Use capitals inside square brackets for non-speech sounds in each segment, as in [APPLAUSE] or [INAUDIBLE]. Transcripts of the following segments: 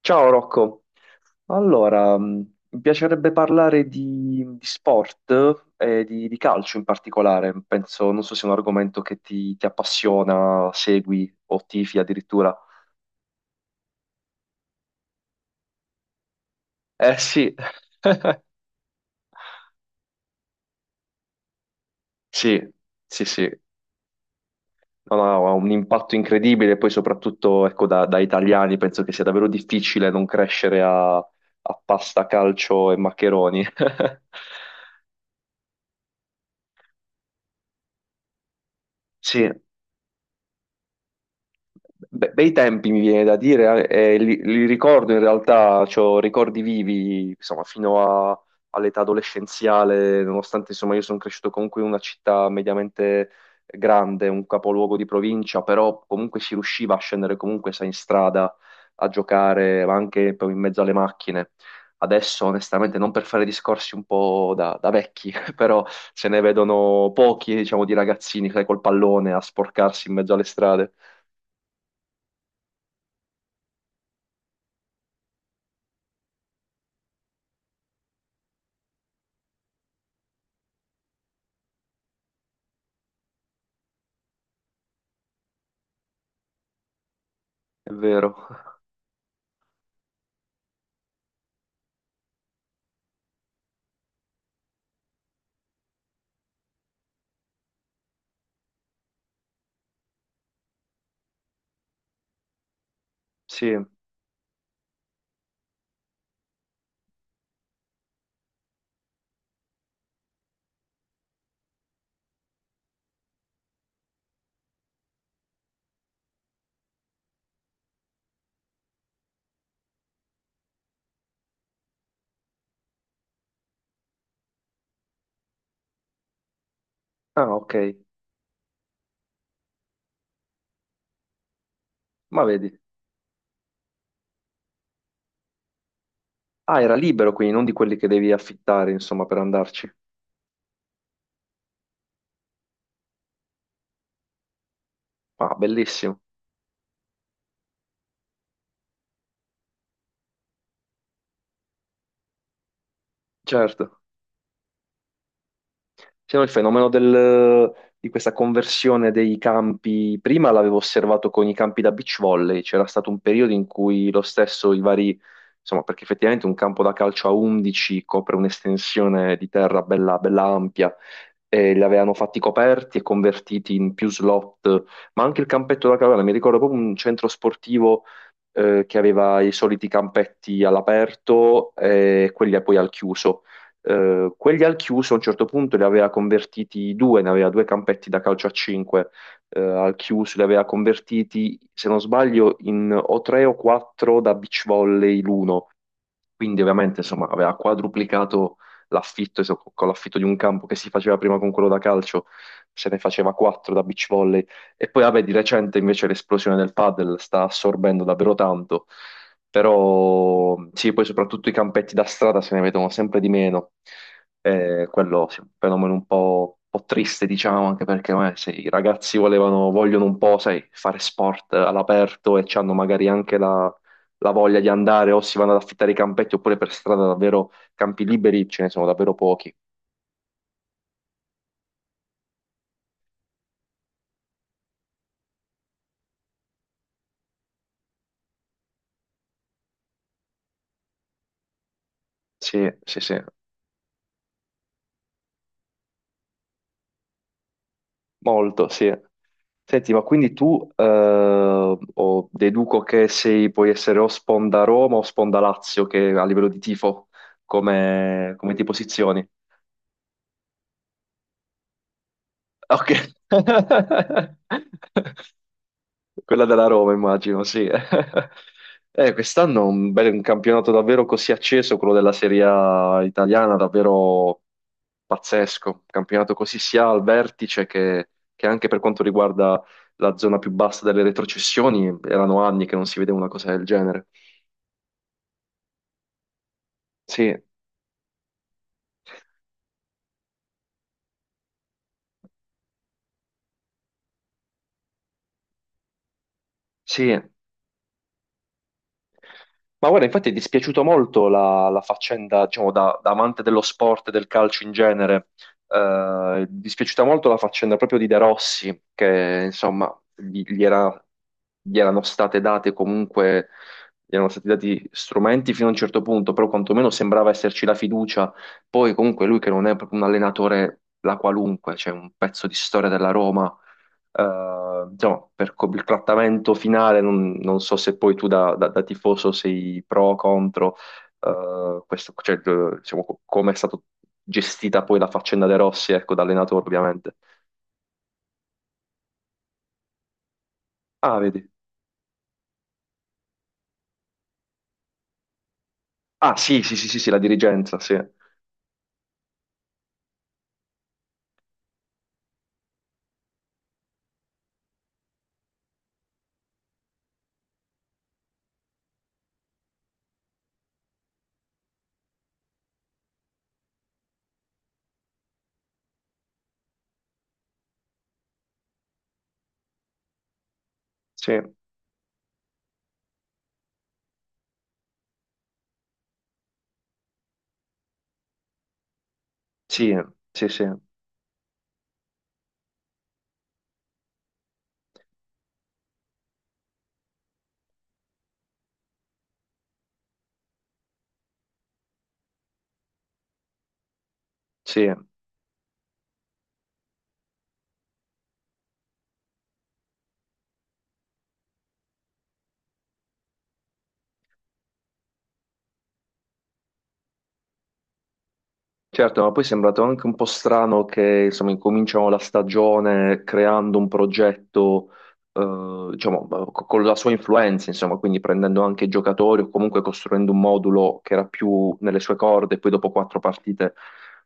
Ciao Rocco, allora mi piacerebbe parlare di sport e di calcio in particolare, penso, non so se è un argomento che ti appassiona, segui o tifi addirittura. Eh sì, [LAUGHS] sì, sì, sì. No, no, ha un impatto incredibile, poi soprattutto ecco, da italiani penso che sia davvero difficile non crescere a pasta, calcio e maccheroni. [LAUGHS] Sì. Bei tempi mi viene da dire, e li ricordo in realtà, ho ricordi vivi, insomma, all'età adolescenziale, nonostante insomma io sono cresciuto comunque in una città mediamente grande, un capoluogo di provincia, però comunque si riusciva a scendere comunque, sai, in strada a giocare, ma anche poi in mezzo alle macchine. Adesso, onestamente, non per fare discorsi un po' da vecchi, [LAUGHS] però se ne vedono pochi, diciamo, di ragazzini, sai, col pallone a sporcarsi in mezzo alle strade. È vero. [LAUGHS] Sì. Ah, ok. Ma vedi. Ah, era libero quindi, non di quelli che devi affittare, insomma, per andarci. Ah, bellissimo. Certo. Sì, no, di questa conversione dei campi, prima l'avevo osservato con i campi da beach volley, c'era stato un periodo in cui lo stesso i vari, insomma, perché effettivamente un campo da calcio a 11 copre un'estensione di terra bella, bella ampia, e li avevano fatti coperti e convertiti in più slot, ma anche il campetto da caverna, mi ricordo proprio un centro sportivo che aveva i soliti campetti all'aperto e quelli poi al chiuso. Quelli al chiuso a un certo punto li aveva convertiti due, ne aveva due campetti da calcio a 5 al chiuso, li aveva convertiti, se non sbaglio, in o 3 o 4 da beach volley l'uno. Quindi ovviamente insomma aveva quadruplicato l'affitto, con l'affitto di un campo che si faceva prima con quello da calcio, se ne faceva 4 da beach volley. E poi vabbè, di recente invece l'esplosione del padel sta assorbendo davvero tanto. Però sì, poi soprattutto i campetti da strada se ne vedono sempre di meno. Quello sì, è un fenomeno un po' triste, diciamo, anche perché se i ragazzi volevano, vogliono un po', sai, fare sport all'aperto e hanno magari anche la voglia di andare o si vanno ad affittare i campetti oppure per strada davvero campi liberi ce ne sono davvero pochi. Sì, sì, sì. Molto, sì. Senti, ma quindi tu o deduco che sei, puoi essere o sponda Roma o sponda Lazio, che a livello di tifo, come ti posizioni? Ok. [LAUGHS] Quella della Roma, immagino, sì. [LAUGHS] Quest'anno un campionato davvero così acceso, quello della Serie A italiana, davvero pazzesco. Un campionato così sia al vertice che anche per quanto riguarda la zona più bassa delle retrocessioni, erano anni che non si vedeva una cosa del genere. Sì, sì. Ma guarda, infatti è dispiaciuto molto la faccenda, diciamo, da amante dello sport e del calcio in genere, è dispiaciuta molto la faccenda proprio di De Rossi, che insomma gli, gli era- gli erano state date comunque, gli erano stati dati strumenti fino a un certo punto, però quantomeno sembrava esserci la fiducia. Poi comunque lui che non è proprio un allenatore la qualunque, c'è un pezzo di storia della Roma diciamo, il trattamento finale, non so se poi tu da tifoso sei pro o contro, questo, cioè, diciamo, come è stata gestita poi la faccenda De Rossi, ecco, da allenatore ovviamente. Ah, vedi. Ah, sì, sì, sì, sì, sì, la dirigenza, sì, sì, sì, sì, sì, sì. Certo, ma poi è sembrato anche un po' strano che insomma, incominciano la stagione creando un progetto, diciamo, con la sua influenza, insomma, quindi prendendo anche i giocatori o comunque costruendo un modulo che era più nelle sue corde, e poi dopo quattro partite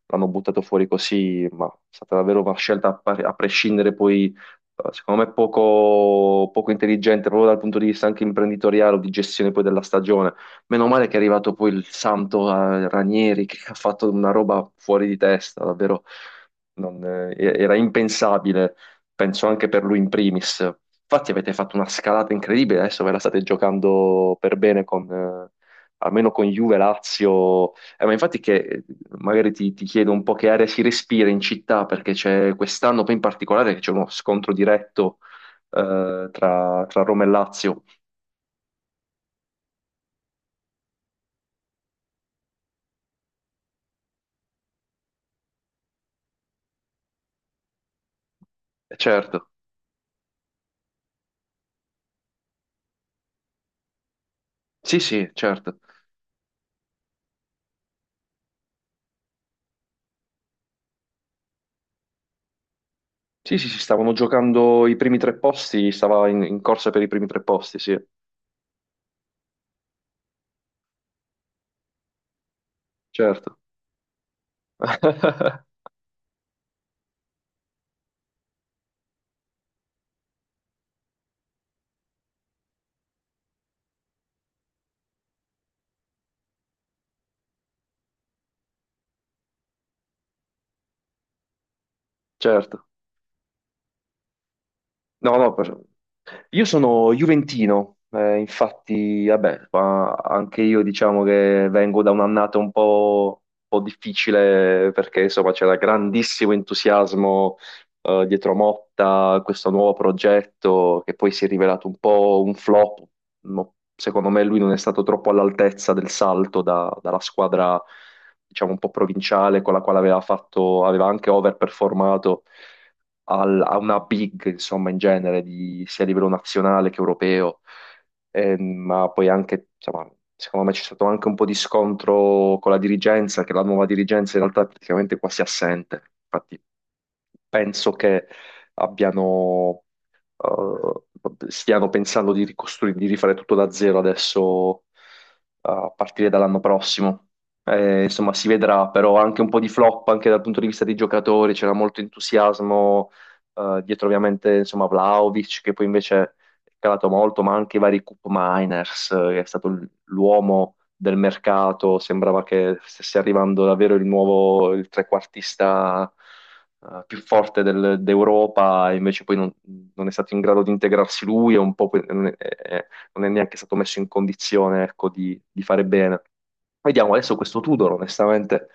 l'hanno buttato fuori così, ma è stata davvero una scelta a prescindere poi, secondo me, poco, poco intelligente proprio dal punto di vista anche imprenditoriale o di gestione poi della stagione. Meno male che è arrivato poi il santo Ranieri che ha fatto una roba fuori di testa, davvero non, era impensabile, penso anche per lui in primis. Infatti avete fatto una scalata incredibile, adesso ve la state giocando per bene con, almeno con Juve, Lazio. Ma infatti che magari ti chiedo un po' che aria si respira in città, perché c'è quest'anno poi in particolare che c'è uno scontro diretto tra Roma e Lazio. Certo, sì sì, certo. Sì, sì, sì, stavano giocando i primi tre posti, stava in corsa per i primi tre posti, sì, certo. [LAUGHS] Certo. No, no, io sono juventino, infatti, vabbè, ma anche io diciamo che vengo da un'annata un po' difficile perché insomma c'era grandissimo entusiasmo dietro Motta, questo nuovo progetto che poi si è rivelato un po' un flop. No, secondo me lui non è stato troppo all'altezza del salto dalla squadra, diciamo, un po' provinciale con la quale aveva fatto, aveva anche overperformato a una big, insomma, in genere, sia a livello nazionale che europeo. Ma poi anche, insomma, secondo me c'è stato anche un po' di scontro con la dirigenza, che la nuova dirigenza in realtà è praticamente quasi assente. Infatti, penso che abbiano stiano pensando di ricostruire, di rifare tutto da zero adesso, a partire dall'anno prossimo. Insomma, si vedrà, però anche un po' di flop anche dal punto di vista dei giocatori, c'era molto entusiasmo dietro ovviamente insomma Vlahovic che poi invece è calato molto, ma anche i vari Koop Miners, che è stato l'uomo del mercato, sembrava che stesse arrivando davvero il nuovo, il trequartista più forte d'Europa e invece poi non, è stato in grado di integrarsi lui e un po' poi non è, non è neanche stato messo in condizione, ecco, di fare bene. Vediamo adesso questo Tudor, onestamente.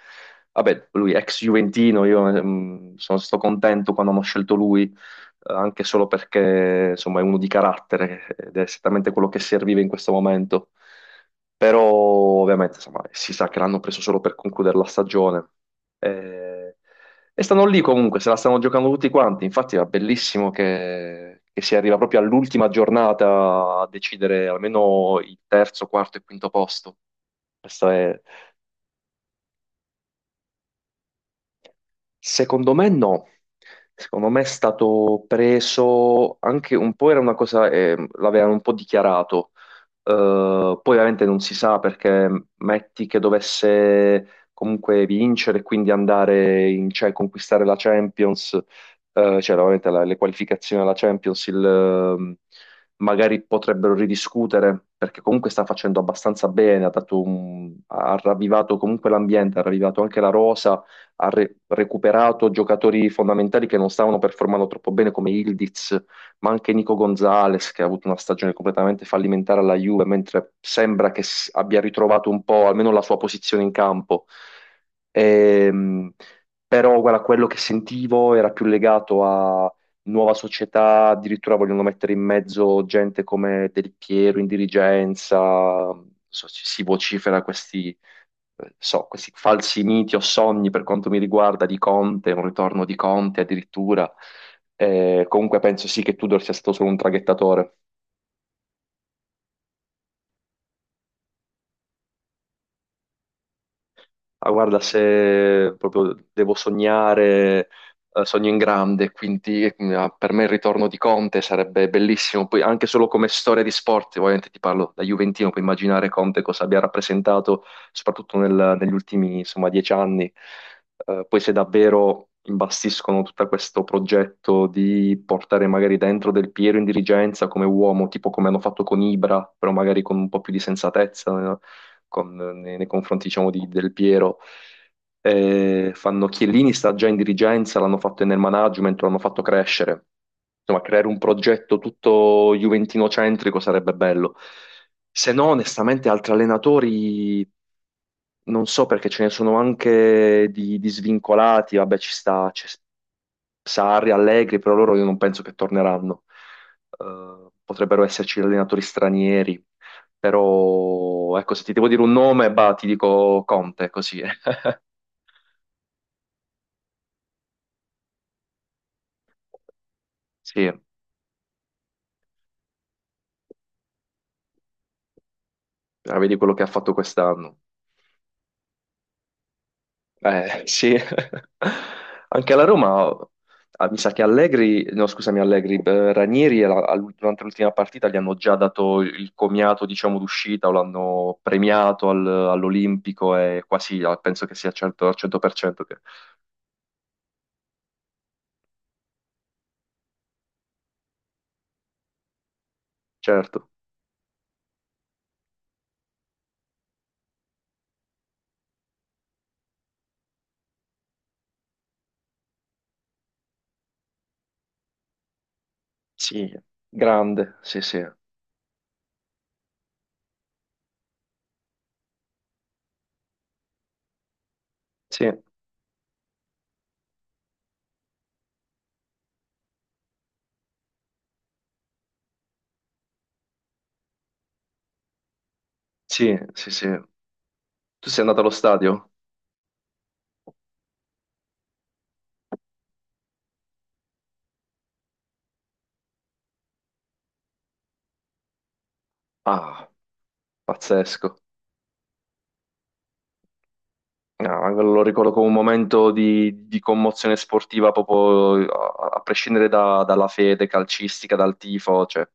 Vabbè, lui è ex Juventino, io sono stato contento quando hanno scelto lui anche solo perché insomma è uno di carattere ed è esattamente quello che serviva in questo momento. Però ovviamente insomma, si sa che l'hanno preso solo per concludere la stagione. Eh, E stanno lì comunque, se la stanno giocando tutti quanti. Infatti è bellissimo che si arriva proprio all'ultima giornata a decidere almeno il terzo, quarto e quinto posto. Questo è. Secondo me no, secondo me è stato preso anche un po', era una cosa, l'avevano un po' dichiarato. Poi ovviamente non si sa perché metti che dovesse comunque vincere e quindi andare in, cioè, conquistare la Champions, cioè ovviamente le qualificazioni alla Champions, magari potrebbero ridiscutere perché comunque sta facendo abbastanza bene, ha dato ha ravvivato comunque l'ambiente, ha ravvivato anche la rosa ha recuperato giocatori fondamentali che non stavano performando troppo bene come Ildiz, ma anche Nico Gonzalez che ha avuto una stagione completamente fallimentare alla Juve, mentre sembra che abbia ritrovato un po' almeno la sua posizione in campo. Ehm, Però guarda, quello che sentivo era più legato a nuova società, addirittura vogliono mettere in mezzo gente come Del Piero in dirigenza, si vocifera questi questi falsi miti o sogni per quanto mi riguarda di Conte, un ritorno di Conte addirittura. Comunque penso sì che Tudor sia stato solo un traghettatore. Ma guarda, se proprio devo sognare, sogno in grande, quindi per me il ritorno di Conte sarebbe bellissimo. Poi anche solo come storia di sport, ovviamente ti parlo da Juventino, puoi immaginare Conte cosa abbia rappresentato, soprattutto negli ultimi, insomma, 10 anni. Poi se davvero imbastiscono tutto questo progetto di portare magari dentro Del Piero in dirigenza come uomo, tipo come hanno fatto con Ibra, però magari con un po' più di sensatezza, nei confronti, diciamo, di Del Piero. Fanno Chiellini sta già in dirigenza, l'hanno fatto nel management, l'hanno fatto crescere. Insomma, creare un progetto tutto juventino-centrico sarebbe bello. Se no, onestamente, altri allenatori non so perché ce ne sono anche di svincolati, vabbè ci sta c'è Sarri, Allegri, però loro io non penso che torneranno. Potrebbero esserci allenatori stranieri, però ecco se ti devo dire un nome, bah, ti dico Conte, così. [LAUGHS] Sì, la vedi quello che ha fatto quest'anno. Sì, [LAUGHS] anche la Roma, ah, mi sa che Allegri, no scusami Allegri, Ranieri durante l'ultima partita gli hanno già dato il comiato, diciamo, d'uscita o l'hanno premiato all'Olimpico e quasi, ah, penso che sia certo, al 100% che. Certo, sì, grande, sì, sì, sì, sì, sì, sì. Tu sei andato allo stadio? Ah, pazzesco. No, anche lo ricordo come un momento di commozione sportiva, proprio a prescindere dalla fede calcistica, dal tifo, cioè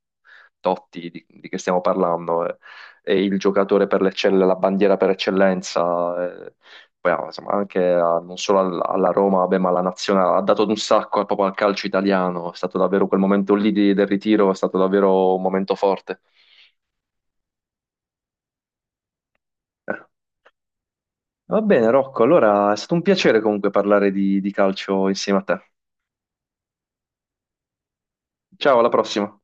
Totti, di che stiamo parlando, è, il giocatore per l'eccellenza, la bandiera per eccellenza, eh. Poi, ah, insomma, anche non solo alla Roma, vabbè, ma alla nazionale, ha dato un sacco proprio al calcio italiano, è stato davvero quel momento lì del ritiro, è stato davvero un momento forte. Eh. Va bene, Rocco, allora è stato un piacere comunque parlare di calcio insieme a te. Ciao, alla prossima.